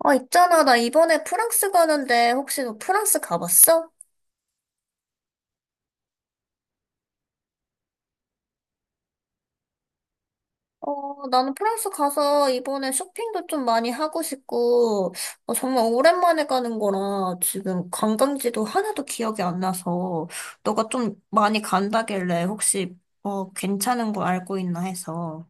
아, 있잖아. 나 이번에 프랑스 가는데 혹시 너 프랑스 가봤어? 나는 프랑스 가서 이번에 쇼핑도 좀 많이 하고 싶고, 정말 오랜만에 가는 거라 지금 관광지도 하나도 기억이 안 나서, 너가 좀 많이 간다길래 혹시, 괜찮은 거 알고 있나 해서.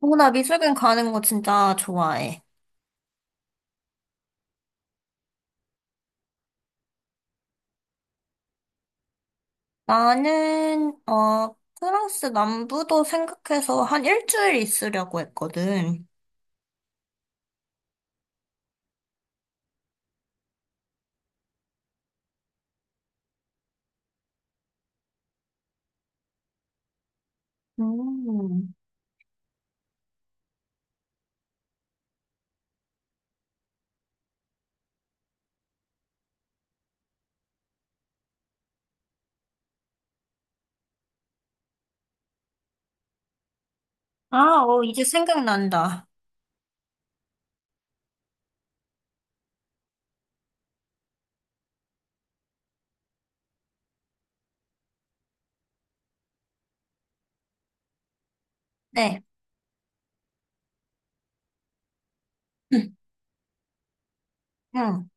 나 미술관 가는 거 진짜 좋아해. 나는 프랑스 남부도 생각해서 한 일주일 있으려고 했거든. 음. 아, 어, 이제 생각난다. 네. 응, 응.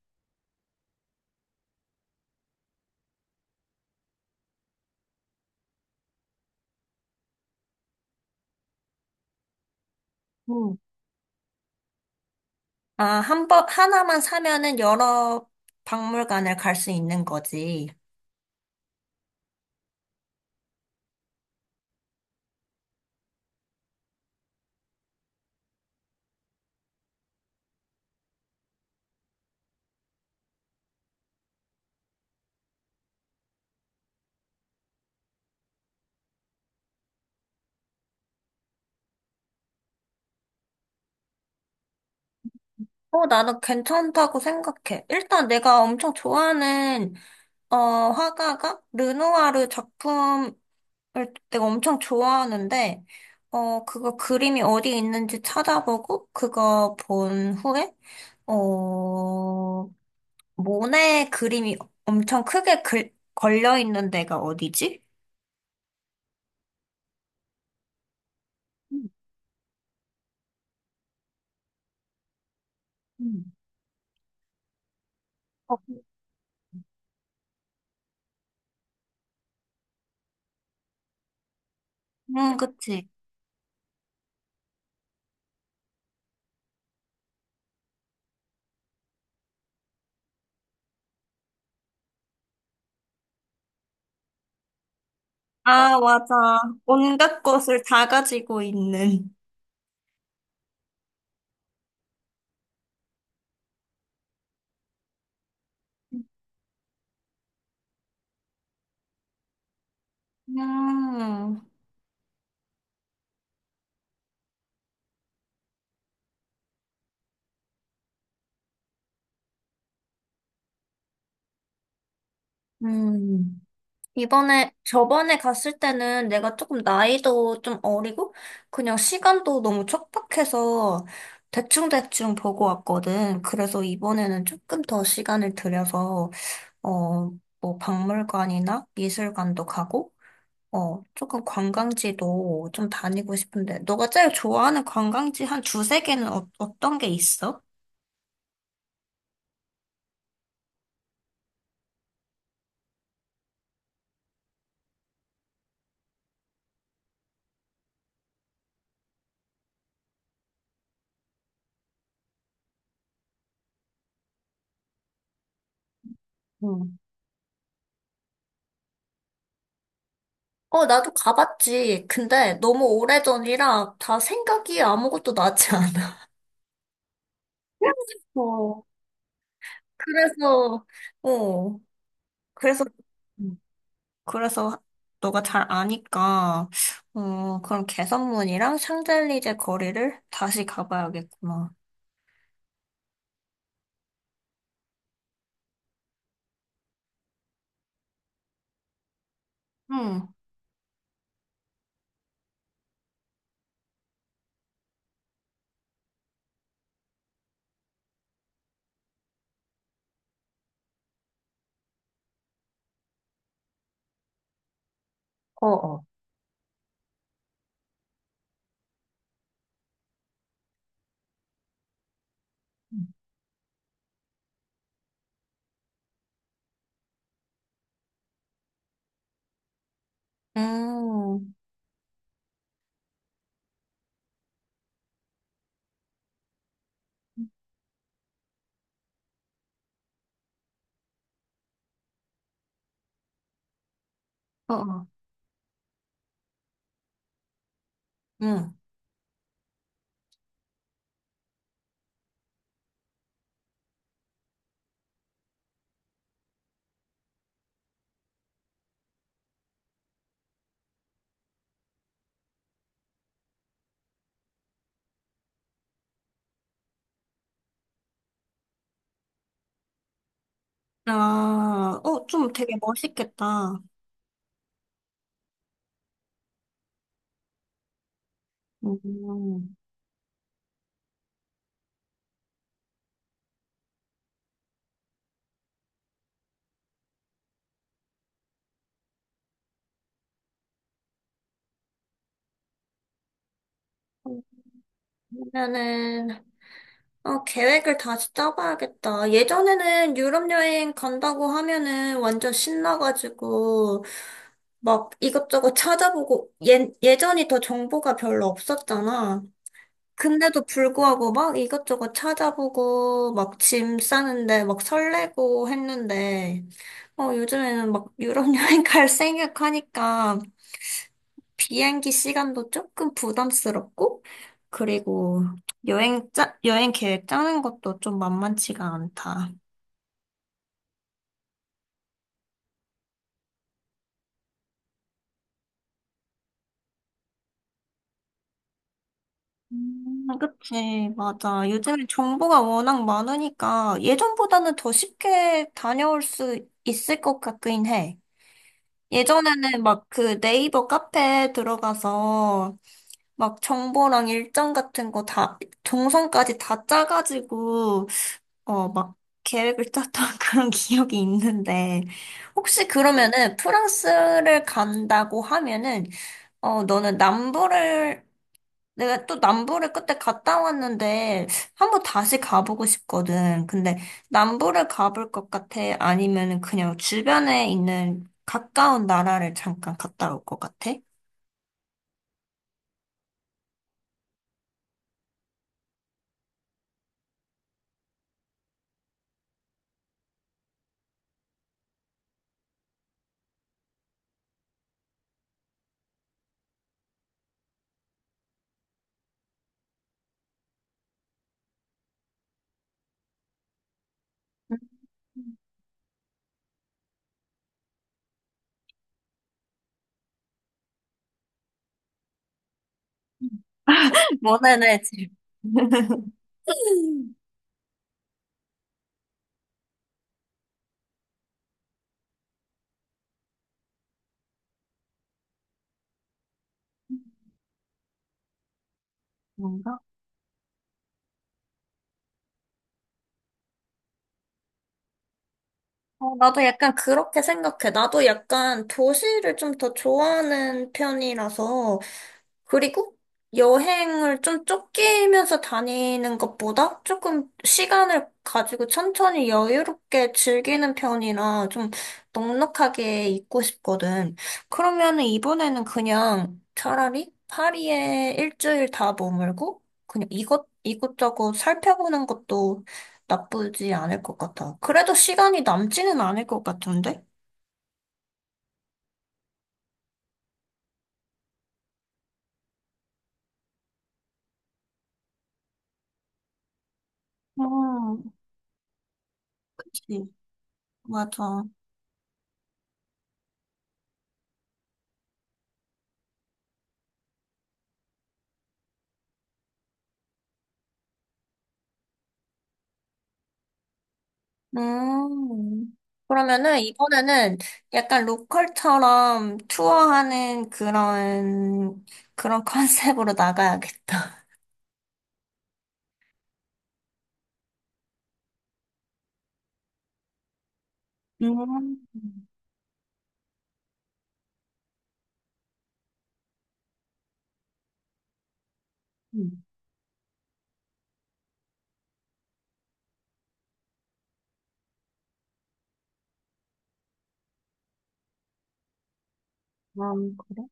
응. 아, 한 번, 하나만 사면은 여러 박물관을 갈 수 있는 거지. 나는 괜찮다고 생각해. 일단 내가 엄청 좋아하는, 화가가 르누아르 작품을 내가 엄청 좋아하는데, 그거 그림이 어디 있는지 찾아보고, 그거 본 후에, 어, 모네 그림이 엄청 크게 걸려 있는 데가 어디지? 음, 음. 어, 그치. 아, 맞아. 온갖 것을 다 가지고 있는. 음, 음. 저번에 갔을 때는 내가 조금 나이도 좀 어리고, 그냥 시간도 너무 촉박해서 대충대충 보고 왔거든. 그래서 이번에는 조금 더 시간을 들여서, 어, 뭐 박물관이나 미술관도 가고, 어, 조금 관광지도 좀 다니고 싶은데, 너가 제일 좋아하는 관광지 한 두세 개는 어, 어떤 게 있어? 응. 어, 나도 가봤지. 근데 너무 오래전이라 다 생각이 아무것도 나지 않아. 어, 그래서, 어, 그래서, 음. 그래서 너가 잘 아니까, 그럼 개선문이랑 샹젤리제 거리를 다시 가봐야겠구나. 응, 어, 어. 음, 어, 어. 응. 아, 어, 좀 되게 멋있겠다. 음. 그러면은, 계획을 다시 짜봐야겠다. 예전에는 유럽 여행 간다고 하면은 완전 신나가지고, 막 이것저것 찾아보고, 예전이 더 정보가 별로 없었잖아. 근데도 불구하고 막 이것저것 찾아보고, 막 짐 싸는데 막 설레고 했는데, 요즘에는 막 유럽 여행 갈 생각하니까, 비행기 시간도 조금 부담스럽고, 그리고 여행 계획 짜는 것도 좀 만만치가 않다. 아, 그치, 맞아. 요즘에 정보가 워낙 많으니까 예전보다는 더 쉽게 다녀올 수 있을 것 같긴 해. 예전에는 막 그 네이버 카페에 들어가서 막 정보랑 일정 같은 거 다, 동선까지 다 짜가지고 막 계획을 짰던 그런 기억이 있는데, 혹시 그러면은 프랑스를 간다고 하면은, 어, 너는 남부를, 내가 또 남부를 그때 갔다 왔는데, 한번 다시 가보고 싶거든. 근데 남부를 가볼 것 같아? 아니면은 그냥 주변에 있는 가까운 나라를 잠깐 갔다 올 것 같아? 원하는 집. 뭔가? 나도 약간 그렇게 생각해. 나도 약간 도시를 좀 더 좋아하는 편이라서, 그리고 여행을 좀 쫓기면서 다니는 것보다 조금 시간을 가지고 천천히 여유롭게 즐기는 편이라 좀 넉넉하게 있고 싶거든. 그러면은 이번에는 그냥 차라리 파리에 일주일 다 머물고 그냥 이것저것 살펴보는 것도 나쁘지 않을 것 같아. 그래도 시간이 남지는 않을 것 같은데? 음, 그치. 맞아. 음, 그러면은 이번에는 약간 로컬처럼 투어하는 그런, 그런 컨셉으로 나가야겠다. 음, 음. 아, 그래?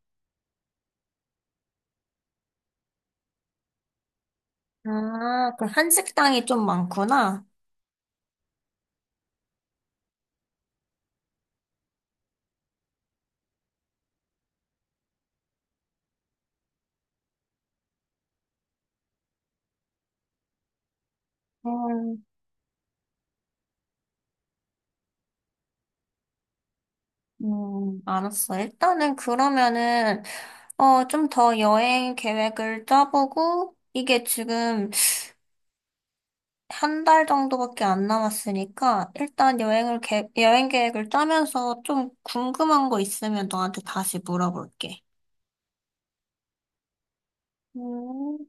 아, 그 한식당이 좀 많구나. 음, 알았어. 일단은 그러면은, 좀 더 여행 계획을 짜보고, 이게 지금 한 달 정도밖에 안 남았으니까 일단 여행 계획을 짜면서 좀 궁금한 거 있으면 너한테 다시 물어볼게. 음.